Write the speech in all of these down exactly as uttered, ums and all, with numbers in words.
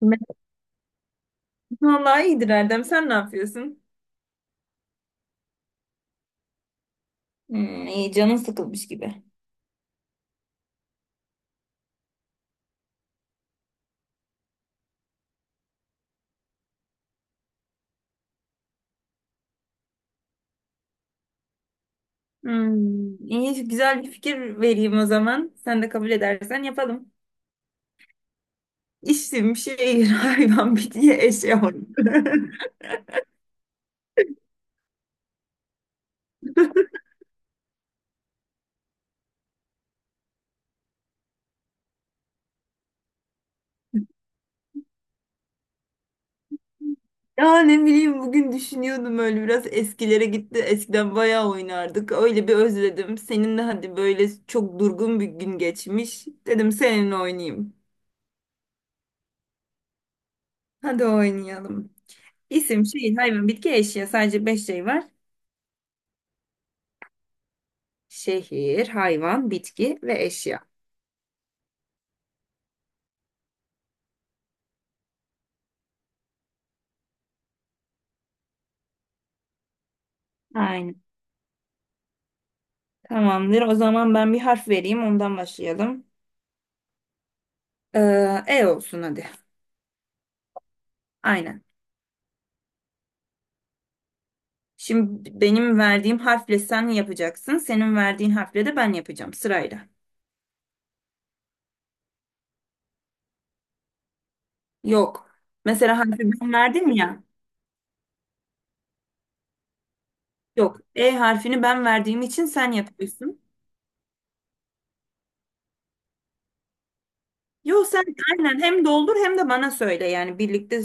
Ben- Vallahi iyidir Erdem. Sen ne yapıyorsun? Hmm, iyi canın sıkılmış gibi. Hmm, iyi, güzel bir fikir vereyim o zaman. Sen de kabul edersen yapalım. İsim, şehir, hayvan, bitki, eşya. Ya ne bileyim, bugün düşünüyordum, öyle biraz eskilere gitti. Eskiden bayağı oynardık. Öyle bir özledim. Senin de hadi böyle çok durgun bir gün geçmiş. Dedim seninle oynayayım. Hadi oynayalım. İsim, şehir, hayvan, bitki, eşya. Sadece beş şey var. Şehir, hayvan, bitki ve eşya. Aynen. Tamamdır. O zaman ben bir harf vereyim. Ondan başlayalım. Ee, E olsun hadi. Aynen. Şimdi benim verdiğim harfle sen yapacaksın. Senin verdiğin harfle de ben yapacağım sırayla. Yok. Mesela harfi ben verdim ya. Yok. E harfini ben verdiğim için sen yapıyorsun. Yok, sen aynen hem doldur hem de bana söyle, yani birlikte.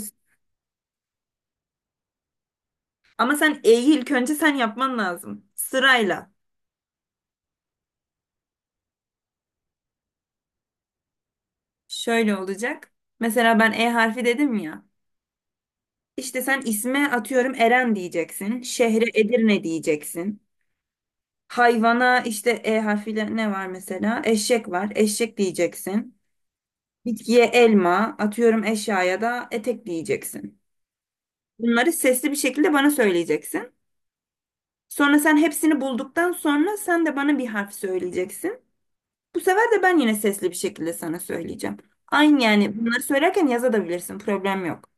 Ama sen E'yi ilk önce sen yapman lazım. Sırayla. Şöyle olacak. Mesela ben E harfi dedim ya. İşte sen isme, atıyorum, Eren diyeceksin. Şehre Edirne diyeceksin. Hayvana işte E harfiyle ne var mesela? Eşek var. Eşek diyeceksin. Bitkiye elma, atıyorum eşyaya da etek diyeceksin. Bunları sesli bir şekilde bana söyleyeceksin. Sonra sen hepsini bulduktan sonra sen de bana bir harf söyleyeceksin. Bu sefer de ben yine sesli bir şekilde sana söyleyeceğim. Aynı, yani bunları söylerken yazabilirsin. Problem yok.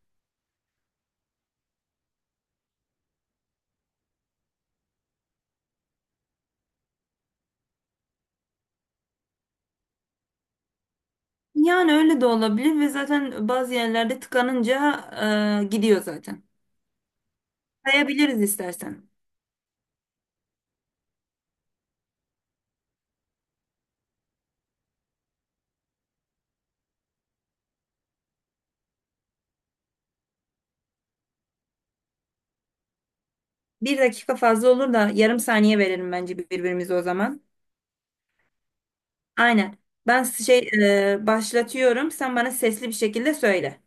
Yani öyle de olabilir ve zaten bazı yerlerde tıkanınca e, gidiyor zaten. Sayabiliriz istersen. Bir dakika fazla olur da yarım saniye verelim bence birbirimize o zaman. Aynen. Ben şey e, başlatıyorum. Sen bana sesli bir şekilde söyle.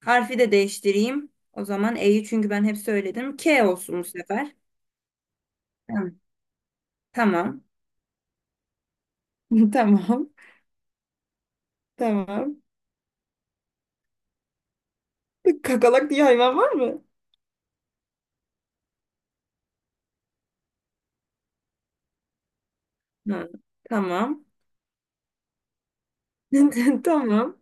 Harfi de değiştireyim. O zaman E'yi, çünkü ben hep söyledim. K olsun bu sefer. Tamam. Tamam. Tamam. Tamam. Kakalak diye hayvan var mı? Hı, tamam. Tamam.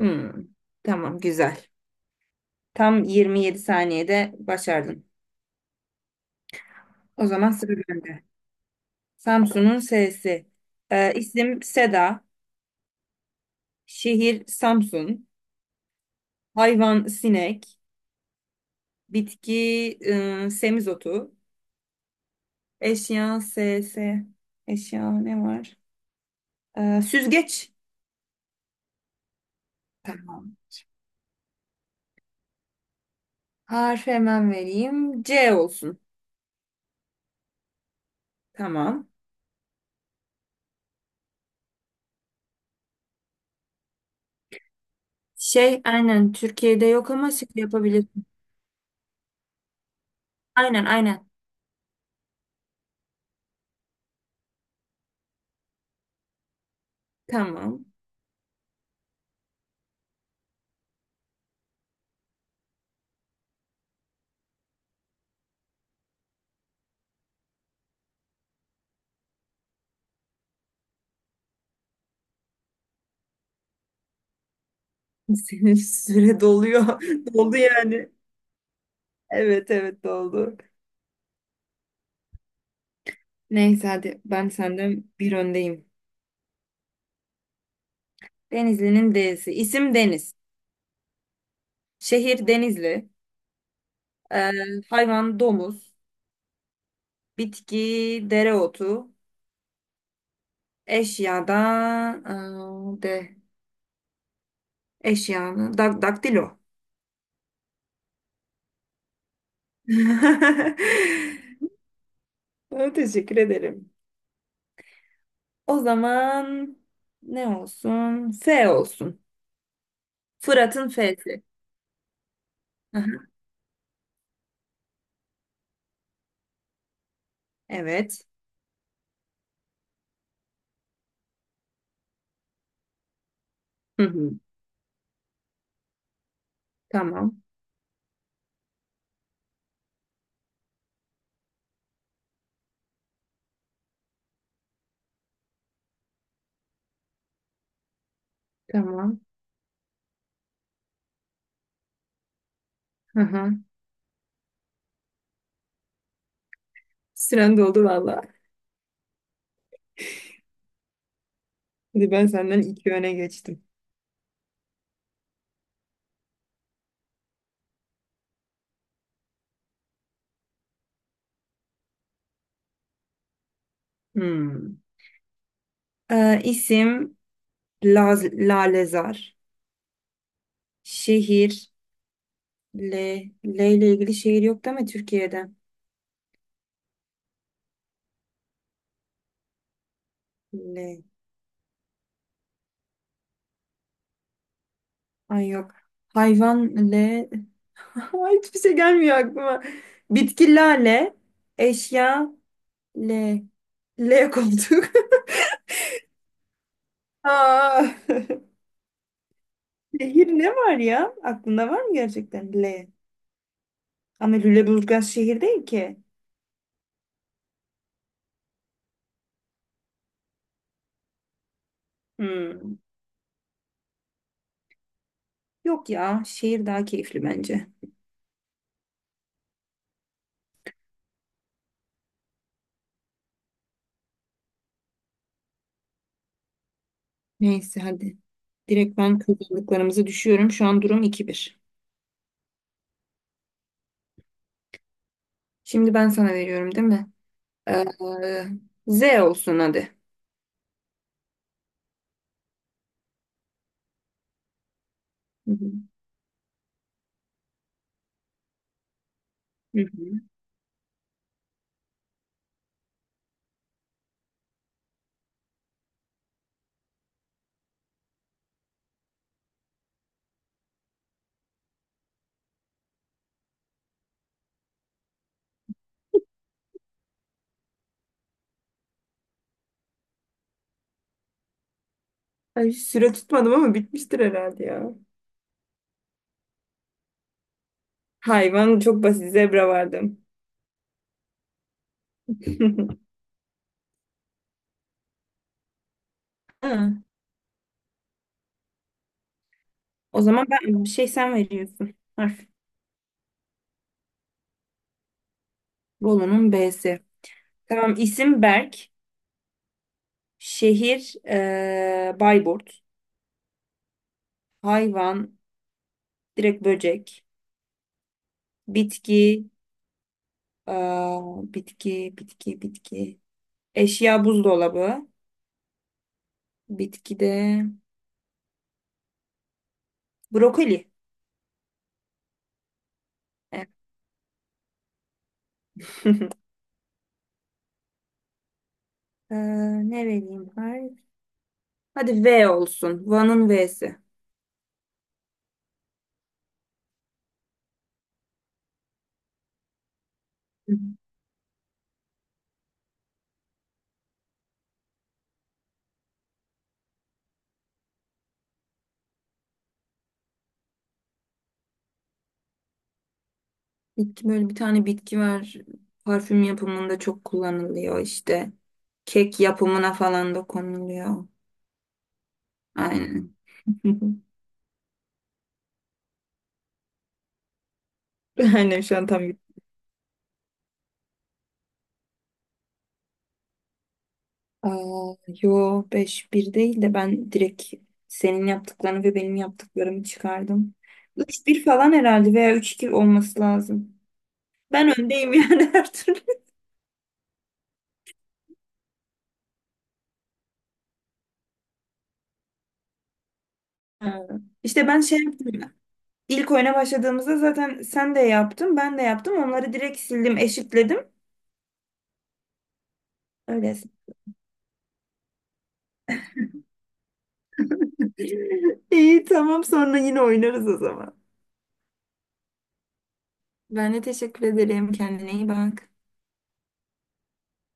Hmm, tamam. Güzel. Tam yirmi yedi saniyede başardın. O zaman sıra bende. Samsun'un S'si. Ee, isim Seda. Şehir Samsun. Hayvan sinek. Bitki e, semizotu. Eşya S. S. Eşya ne var? Ee, süzgeç. Tamam. Harf hemen vereyim. C olsun. Tamam. Şey, aynen, Türkiye'de yok ama şey yapabilirsin. Aynen, aynen. Tamam. Senin süre doluyor. Doldu yani. Evet evet oldu. Neyse hadi, ben senden bir öndeyim. Denizli'nin D'si. İsim Deniz. Şehir Denizli. Ee, Hayvan domuz. Bitki dereotu. Eşyada ee, de eşyanı dak daktilo. Ha, teşekkür ederim. O zaman ne olsun? F olsun. Fırat'ın F'si. Hı. Evet. Hı hı. Tamam. Tamam. Hı hı. Süren doldu valla. Şimdi ben senden iki öne geçtim. Hmm. Ee, isim Laz Lalezar. Şehir L. L ile ilgili şehir yok değil mi Türkiye'de? L. Ay yok. Hayvan L. Ay, hiçbir şey gelmiyor aklıma. Bitki lale. Eşya L. L, koltuk. Aa. Şehir ne var ya? Aklında var mı gerçekten? L. Ama Lüleburgaz şehir değil ki. Hmm. Yok ya. Şehir daha keyifli bence. Neyse hadi. Direkt ben kazandıklarımızı düşüyorum. Şu an durum iki bir. Şimdi ben sana veriyorum değil mi? Ee, Z olsun hadi. Hı hı. Hı hı. Ay, süre tutmadım ama bitmiştir herhalde ya. Hayvan çok basit. Zebra vardım. Ha, o zaman ben bir şey sen veriyorsun. Harf. Bolu'nun B'si. Tamam, isim Berk. Şehir eee, Bayburt. Hayvan direkt böcek. Bitki eee, bitki bitki bitki. Eşya buzdolabı. Bitkide brokoli. Evet. Ee, Ne vereyim? Hayır. Hadi V olsun. Van'ın V'si. Hı, hı. Bitki, böyle bir tane bitki var. Parfüm yapımında çok kullanılıyor işte. Kek yapımına falan da konuluyor. Aynen. Aynen, şu an tam. Aa, yo, beş bir değil de ben direkt senin yaptıklarını ve benim yaptıklarımı çıkardım. üç bir falan herhalde, veya üç iki olması lazım. Ben öndeyim yani her türlü. Ha. İşte ben şey yaptım ya. İlk oyuna başladığımızda zaten sen de yaptın, ben de yaptım. Onları direkt sildim, eşitledim. Öyle. İyi, tamam, sonra yine oynarız o zaman. Ben de teşekkür ederim. Kendine iyi bak.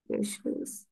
Görüşürüz.